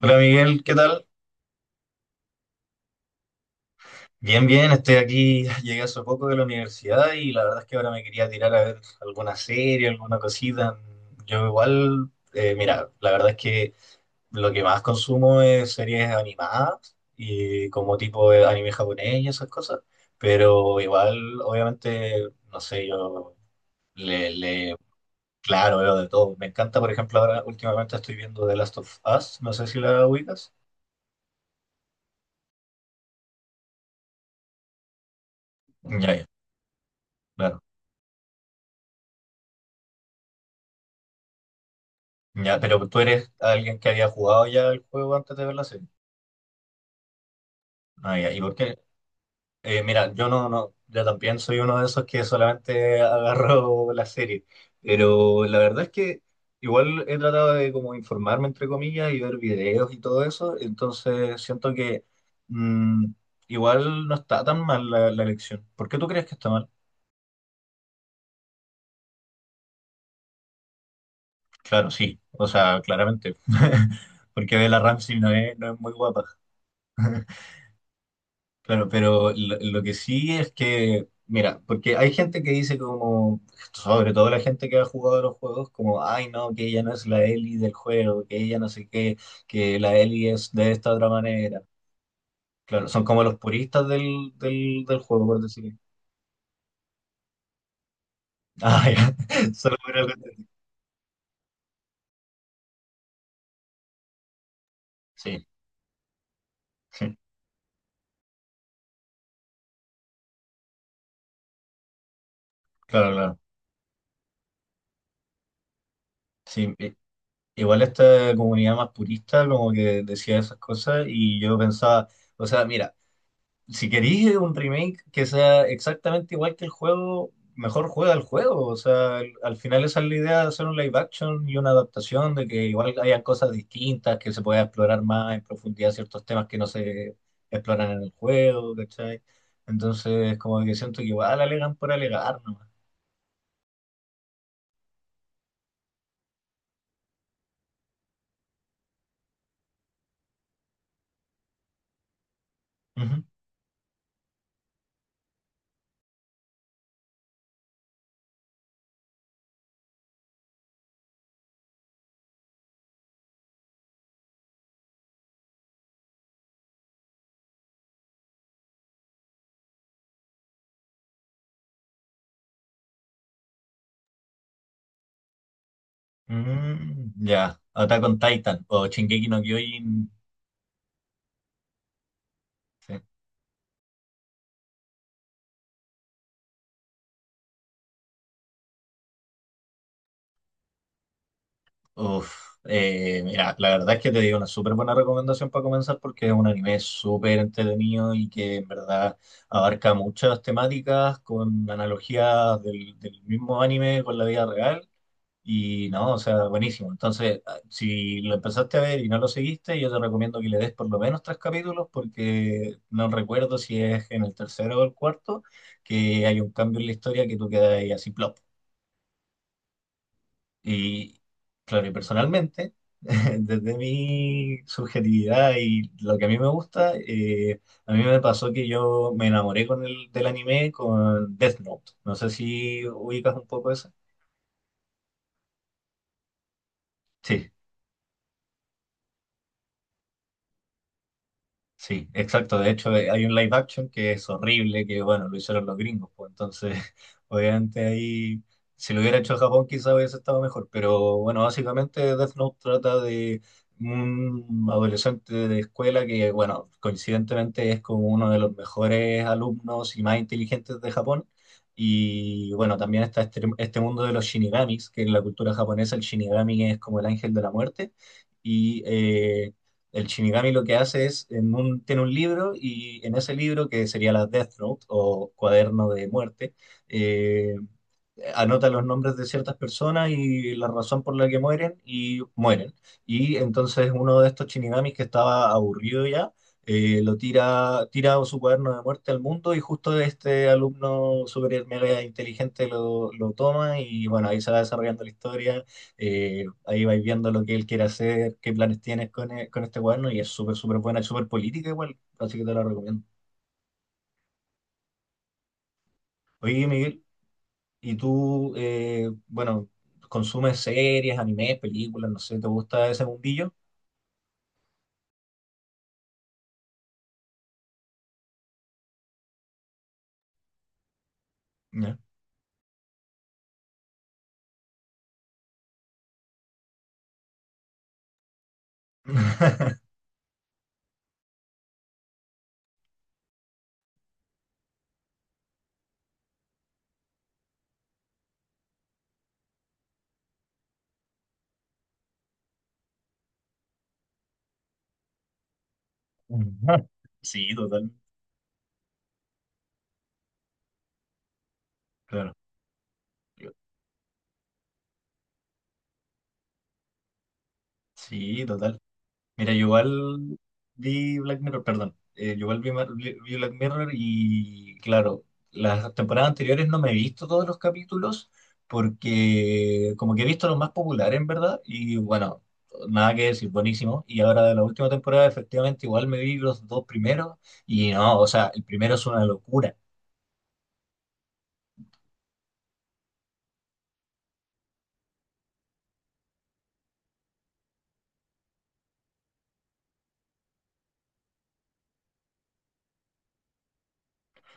Hola Miguel, ¿qué tal? Bien, bien, estoy aquí, llegué hace poco de la universidad y la verdad es que ahora me quería tirar a ver alguna serie, alguna cosita. Yo igual, mira, la verdad es que lo que más consumo es series animadas y como tipo de anime japonés y esas cosas, pero igual, obviamente, no sé, yo le, le, claro, veo de todo. Me encanta, por ejemplo, ahora últimamente estoy viendo The Last of Us, no sé si la ubicas. Ya, ya, claro. Ya, pero tú eres alguien que había jugado ya el juego antes de ver la serie. Ah, ya. ¿Y por qué? Mira, yo no, yo también soy uno de esos que solamente agarro la serie. Pero la verdad es que igual he tratado de como informarme, entre comillas, y ver videos y todo eso. Entonces siento que mm, igual no está tan mal la elección. ¿Por qué tú crees que está mal? Claro, sí. O sea, claramente. Porque Bella Ramsey no es muy guapa. Claro, pero lo que sí es que, mira, porque hay gente que dice como, sobre todo la gente que ha jugado a los juegos, como, ay no, que ella no es la Ellie del juego, que ella no sé qué, que la Ellie es de esta otra manera. Claro, son como los puristas del juego, por decirlo. Ah, ya. Solo por algo sí, sí, claro, claro. Sí, igual esta comunidad más purista como que decía esas cosas y yo pensaba, o sea, mira. Si queréis un remake que sea exactamente igual que el juego, mejor juega el juego. O sea, al final esa es la idea de hacer un live action y una adaptación, de que igual hayan cosas distintas, que se pueda explorar más en profundidad ciertos temas que no se exploran en el juego, ¿cachai? Entonces, como que siento que igual alegan por alegar nomás. Ujú. Mm, ya, Attack on Titan o Shingeki no Kyojin. Sí. Uf, mira, la verdad es que te digo una súper buena recomendación para comenzar porque es un anime súper entretenido y que en verdad abarca muchas temáticas con analogías del mismo anime con la vida real y no, o sea, buenísimo. Entonces, ah, si lo empezaste a ver y no lo seguiste, yo te recomiendo que le des por lo menos tres capítulos porque no recuerdo si es en el tercero o el cuarto que hay un cambio en la historia que tú quedas ahí así, plop. Y claro, y personalmente, desde mi subjetividad y lo que a mí me gusta, a mí me pasó que yo me enamoré con del anime con Death Note. No sé si ubicas un poco eso. Sí. Sí, exacto. De hecho, hay un live action que es horrible, que bueno, lo hicieron los gringos, pues entonces, obviamente ahí, si lo hubiera hecho Japón, quizá hubiese estado mejor. Pero bueno, básicamente Death Note trata de un adolescente de escuela que, bueno, coincidentemente es como uno de los mejores alumnos y más inteligentes de Japón. Y bueno, también está este mundo de los shinigamis, que en la cultura japonesa el shinigami es como el ángel de la muerte. Y el Shinigami lo que hace es, tiene un libro y en ese libro, que sería la Death Note o Cuaderno de Muerte, eh, anota los nombres de ciertas personas y la razón por la que mueren y mueren. Y entonces uno de estos Shinigamis que estaba aburrido ya, lo tira su cuaderno de muerte al mundo y justo este alumno super mega inteligente lo toma y bueno, ahí se va desarrollando la historia, ahí vais viendo lo que él quiere hacer, qué planes tienes con, con este cuaderno y es súper buena, es súper política igual, así que te la recomiendo. Oye, Miguel. Y tú, bueno, consumes series, animes, películas, no sé, ¿te gusta ese mundillo? Ya. Sí, total, claro. Sí, total. Mira, yo igual vi Black Mirror, perdón. Yo igual vi Black Mirror y, claro, las temporadas anteriores no me he visto todos los capítulos porque como que he visto los más populares, en verdad, y bueno, nada que decir, buenísimo. Y ahora de la última temporada, efectivamente, igual me vi los dos primeros y no, o sea, el primero es una locura.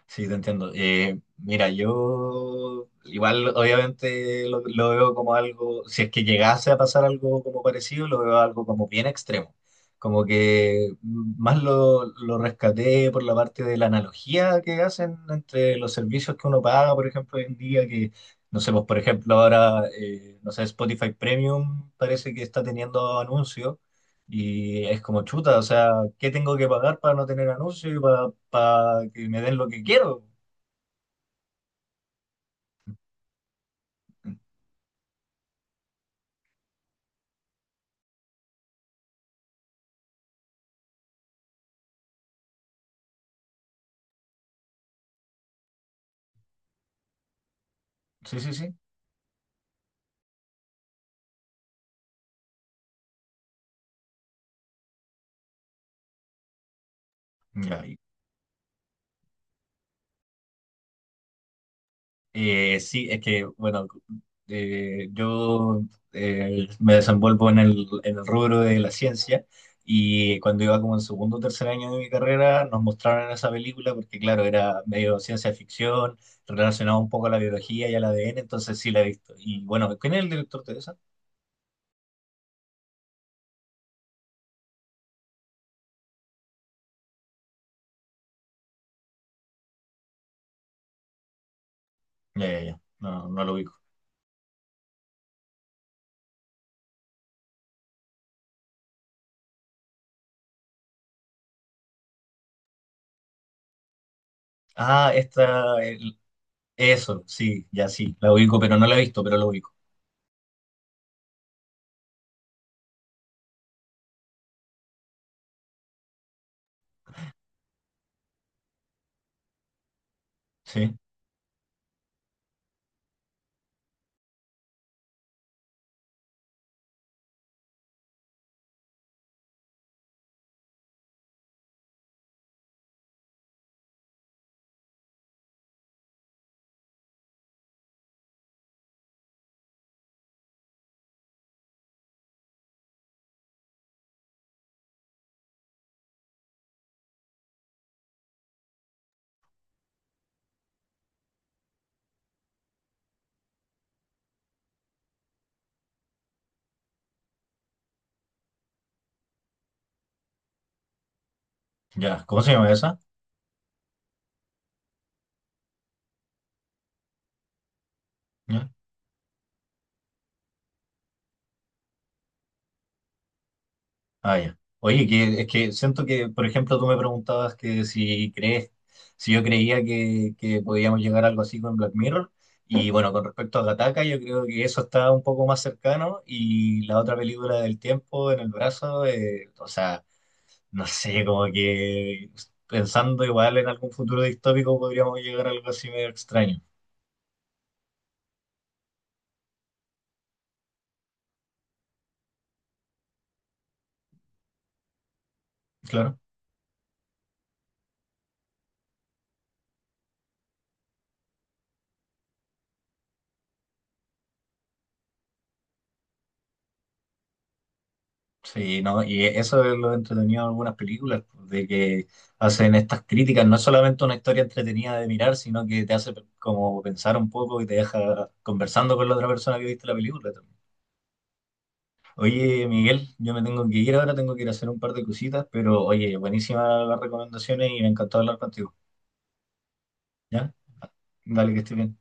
Sí, te entiendo. Mira, yo igual obviamente lo veo como algo, si es que llegase a pasar algo como parecido, lo veo algo como bien extremo. Como que más lo rescaté por la parte de la analogía que hacen entre los servicios que uno paga, por ejemplo, hoy en día, que, no sé, pues por ejemplo ahora, no sé, Spotify Premium parece que está teniendo anuncios. Y es como chuta, o sea, ¿qué tengo que pagar para no tener anuncio y para que me den lo que quiero? Sí, sí, sí. Ya, y- sí, es que, bueno, yo me desenvuelvo en en el rubro de la ciencia y cuando iba como en segundo o tercer año de mi carrera nos mostraron esa película porque, claro, era medio ciencia ficción, relacionado un poco a la biología y al ADN entonces sí la he visto. Y bueno, ¿quién es el director de esa? Ya, ya, ya, no, no lo vi. Ah, esta, eso, sí, ya sí, la ubico, pero no la he visto, pero la ubico. Sí, ya. ¿Cómo se llama esa? ¿Ya? Ah, ya. Oye, que, es que siento que, por ejemplo, tú me preguntabas que si crees, si yo creía que podíamos llegar a algo así con Black Mirror. Y bueno, con respecto a Gattaca, yo creo que eso está un poco más cercano. Y la otra película del tiempo en el brazo, o sea, no sé, como que pensando igual en algún futuro distópico podríamos llegar a algo así medio extraño. Claro. Sí, ¿no? Y eso es lo entretenido de algunas películas, pues, de que hacen estas críticas. No es solamente una historia entretenida de mirar, sino que te hace como pensar un poco y te deja conversando con la otra persona que viste la película también. Oye, Miguel, yo me tengo que ir ahora, tengo que ir a hacer un par de cositas, pero oye, buenísimas las recomendaciones y me encantó hablar contigo. ¿Ya? Dale, que estés bien.